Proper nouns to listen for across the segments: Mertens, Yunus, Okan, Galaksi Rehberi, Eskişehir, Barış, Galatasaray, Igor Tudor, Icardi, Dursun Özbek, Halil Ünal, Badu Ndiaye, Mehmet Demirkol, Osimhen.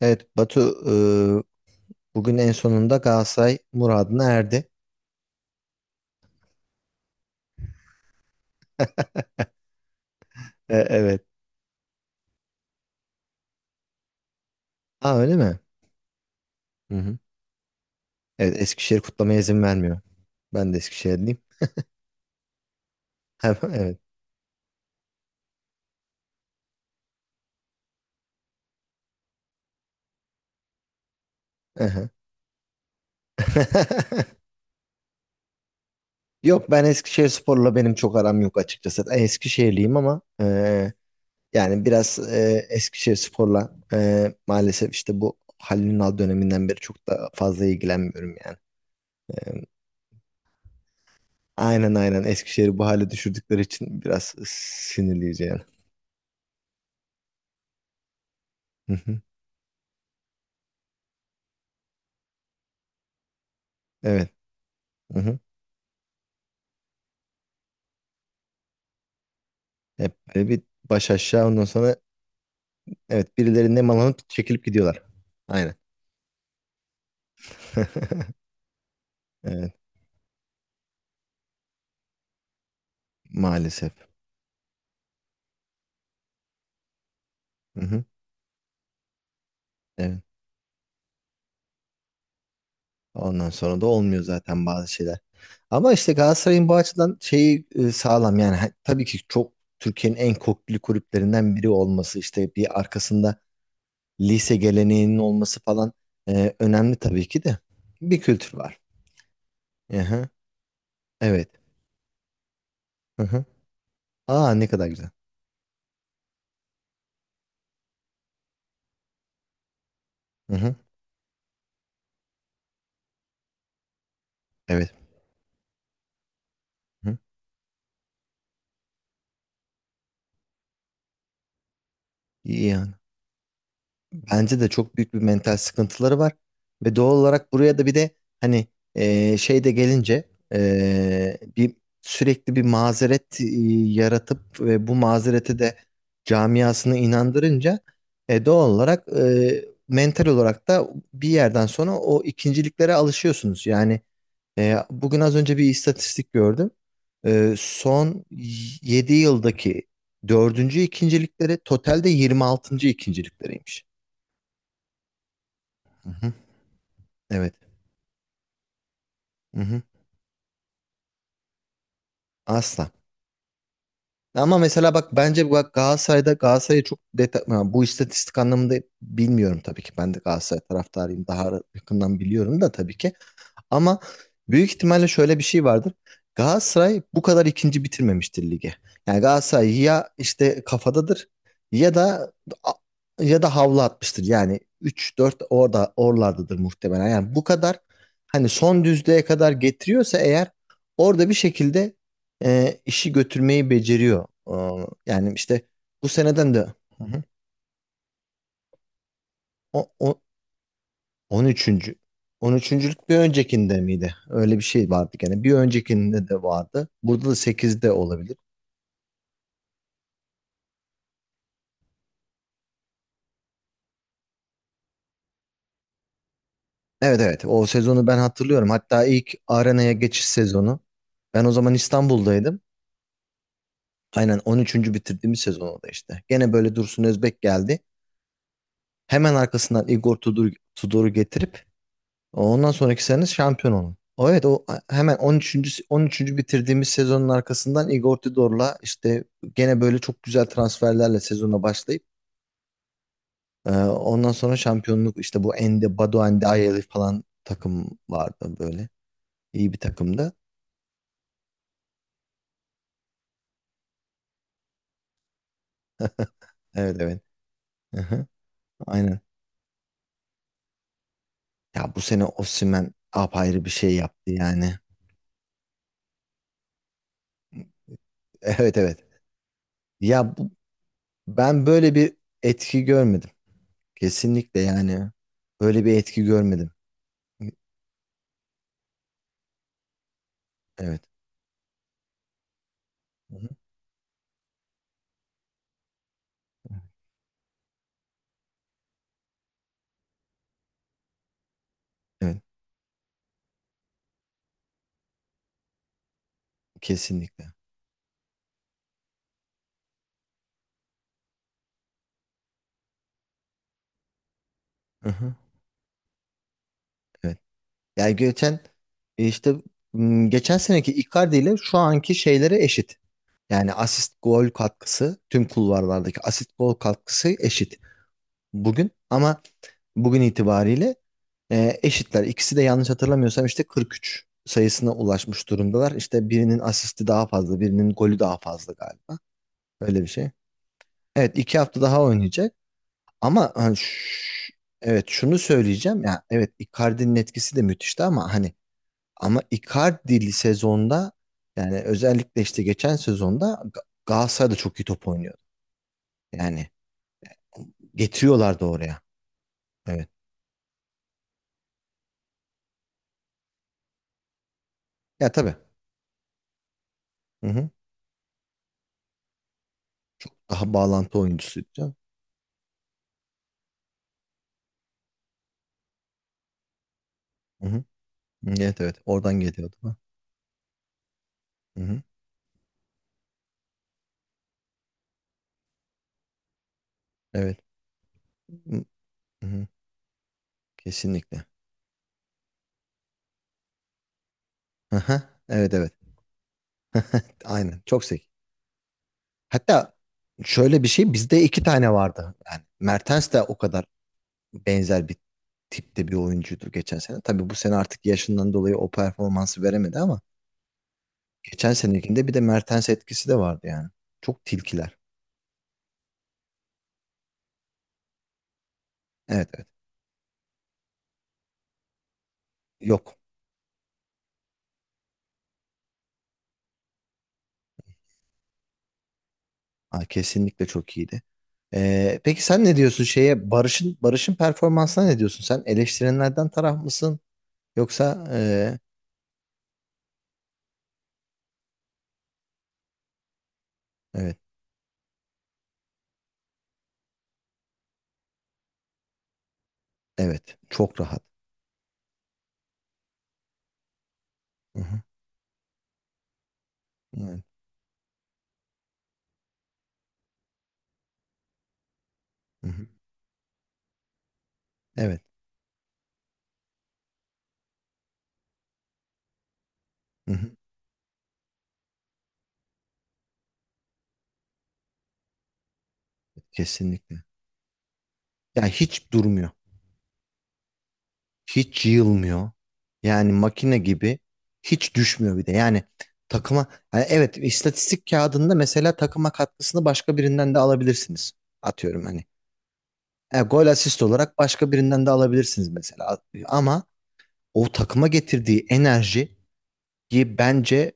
Evet Batu, e, bugün en sonunda Galatasaray muradına erdi. Evet. Ha öyle mi? Hı hı. Evet, Eskişehir kutlamaya izin vermiyor. Ben de Eskişehirliyim. Evet. Aha. Yok, ben Eskişehir sporla benim çok aram yok açıkçası. Ben Eskişehirliyim ama yani biraz Eskişehir sporla maalesef işte bu Halil Ünal döneminden beri çok da fazla ilgilenmiyorum yani. E, aynen, aynen, Eskişehir'i bu hale düşürdükleri için biraz sinirleyeceğim. Evet. Hı hı. Hep böyle bir baş aşağı, ondan sonra evet, birileri nemalanıp çekilip gidiyorlar. Aynen. Evet. Maalesef. Hı hı. Evet. Ondan sonra da olmuyor zaten bazı şeyler. Ama işte Galatasaray'ın bu açıdan sağlam yani. Tabii ki çok, Türkiye'nin en köklü kulüplerinden biri olması, işte bir arkasında lise geleneğinin olması falan önemli tabii ki de, bir kültür var. Aha, evet. Hı hı. Aa, ne kadar güzel. Hı hı, evet. Hı. İyi ya. Bence de çok büyük bir mental sıkıntıları var. Ve doğal olarak buraya da bir de hani şey de gelince, bir sürekli bir mazeret yaratıp ve bu mazereti de camiasını inandırınca doğal olarak mental olarak da bir yerden sonra o ikinciliklere alışıyorsunuz. Yani bugün az önce bir istatistik gördüm. Son 7 yıldaki dördüncü ikincilikleri, totalde yirmi altıncı ikincilikleriymiş. Hı hı. Evet. Hı hı. Asla. Ama mesela bak, bence bak Galatasaray'ı çok detay yani, bu istatistik anlamında bilmiyorum tabii ki. Ben de Galatasaray taraftarıyım, daha yakından biliyorum da tabii ki. Ama büyük ihtimalle şöyle bir şey vardır. Galatasaray bu kadar ikinci bitirmemiştir lige. Yani Galatasaray ya işte kafadadır, ya da ya da havlu atmıştır. Yani üç dört orada oralardadır muhtemelen. Yani bu kadar hani son düzlüğe kadar getiriyorsa eğer, orada bir şekilde işi götürmeyi beceriyor. Yani işte bu seneden de. Hı hı. O, o- On üçüncü, on üçüncülük bir öncekinde miydi? Öyle bir şey vardı gene. Bir öncekinde de vardı. Burada da 8'de olabilir. Evet evet, o sezonu ben hatırlıyorum. Hatta ilk arenaya geçiş sezonu. Ben o zaman İstanbul'daydım. Aynen, on üçüncü bitirdiğimiz sezon oldu işte. Gene böyle Dursun Özbek geldi. Hemen arkasından Igor Tudor, Tudor'u getirip ondan sonraki sene şampiyon oldu. O evet, o hemen on üçüncü bitirdiğimiz sezonun arkasından Igor Tudor'la işte gene böyle çok güzel transferlerle sezona başlayıp, ondan sonra şampiyonluk. İşte bu Ende, Badu Ndiaye falan takım vardı böyle. İyi bir takımdı. Evet evet. Hı-hı. Aynen. Ya bu sene Osimhen apayrı bir şey yaptı yani. Evet evet. Ya bu, ben böyle bir etki görmedim. Kesinlikle yani. Böyle bir etki görmedim. Evet. Hı-hı. Evet. Kesinlikle. Hı-hı. Evet. Yani işte geçen seneki Icardi ile şu anki şeylere eşit. Yani asist gol katkısı, tüm kulvarlardaki asist gol katkısı eşit bugün ama, bugün itibariyle eşitler. İkisi de yanlış hatırlamıyorsam işte 43 sayısına ulaşmış durumdalar. İşte birinin asisti daha fazla, birinin golü daha fazla galiba. Öyle bir şey. Evet, 2 hafta daha oynayacak ama hani, evet şunu söyleyeceğim ya, evet Icardi'nin etkisi de müthişti ama hani, ama Icardi sezonda, yani özellikle işte geçen sezonda Galatasaray da çok iyi top oynuyordu. Yani getiriyorlardı oraya. Evet. Ya tabii. Hı hı. Daha bağlantı oyuncusuydu canım. Hı hı. Evet evet. Oradan geliyordu. Ha. Hı hı. Evet. Hı hı. Kesinlikle. Hı hı. Evet evet. Aynen. Çok zeki. Hatta şöyle bir şey, bizde iki tane vardı. Yani Mertens de o kadar benzer bir tipte bir oyuncuydu geçen sene. Tabii bu sene artık yaşından dolayı o performansı veremedi ama geçen senekinde bir de Mertens etkisi de vardı yani. Çok tilkiler. Evet evet. Yok. Aa, kesinlikle çok iyiydi. Peki sen ne diyorsun şeye, Barış'ın performansına ne diyorsun? Sen eleştirenlerden taraf mısın? Yoksa evet evet, çok rahat. Hı hı, evet. Hı hı, evet. Hı hı, kesinlikle. Ya hiç durmuyor. Hiç yılmıyor. Yani makine gibi, hiç düşmüyor bir de. Yani takıma, yani evet, istatistik kağıdında mesela takıma katkısını başka birinden de alabilirsiniz. Atıyorum hani, gol asist olarak başka birinden de alabilirsiniz mesela. Ama o takıma getirdiği enerjiyi bence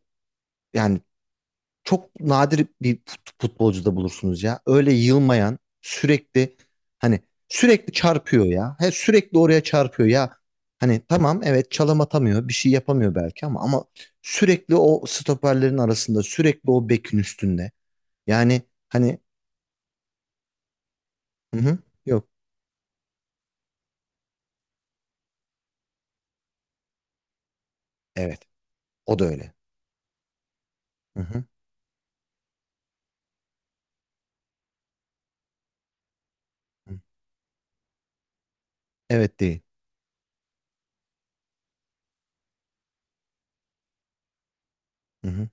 yani çok nadir bir futbolcuda bulursunuz ya. Öyle yılmayan, sürekli hani sürekli çarpıyor ya. He, sürekli oraya çarpıyor ya. Hani tamam, evet çalım atamıyor, bir şey yapamıyor belki ama, ama sürekli o stoperlerin arasında, sürekli o bekin üstünde. Yani hani, hı hı, yok, evet o da öyle. Hı hı, hı. Evet değil. Hı hı,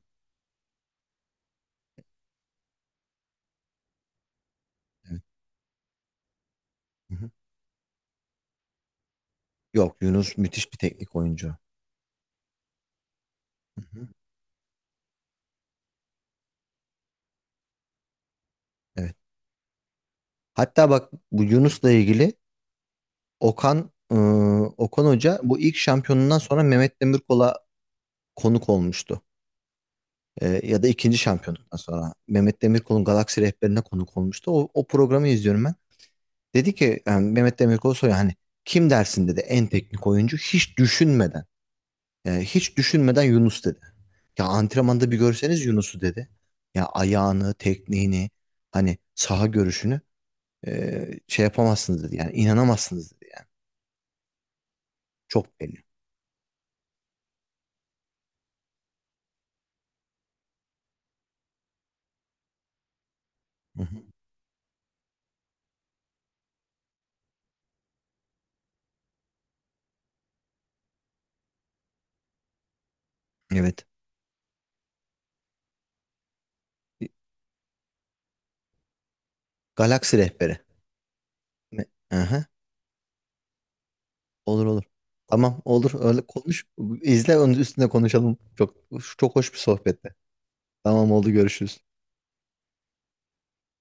evet. Hı hı. Yok Yunus müthiş bir teknik oyuncu. Hı hı. Evet. Hatta bak, bu Yunus'la ilgili Okan, Okan Hoca bu ilk şampiyonundan sonra Mehmet Demirkol'a konuk olmuştu. Ya da ikinci şampiyonundan sonra Mehmet Demirkol'un Galaksi Rehberi'ne konuk olmuştu. O, o programı izliyorum ben. Dedi ki, yani Mehmet Demirkol soruyor hani, kim dersin dedi en teknik oyuncu hiç düşünmeden. Yani hiç düşünmeden Yunus dedi. Ya antrenmanda bir görseniz Yunus'u dedi. Ya ayağını, tekniğini, hani saha görüşünü. Şey yapamazsınız dedi. Yani inanamazsınız dedi yani. Çok belli. Hı hı. Evet. Galaksi rehberi. Ne? Aha. Olur olur. Tamam, olur öyle konuş. İzle, onun üstüne konuşalım. Çok çok hoş bir sohbetti. Tamam, oldu, görüşürüz.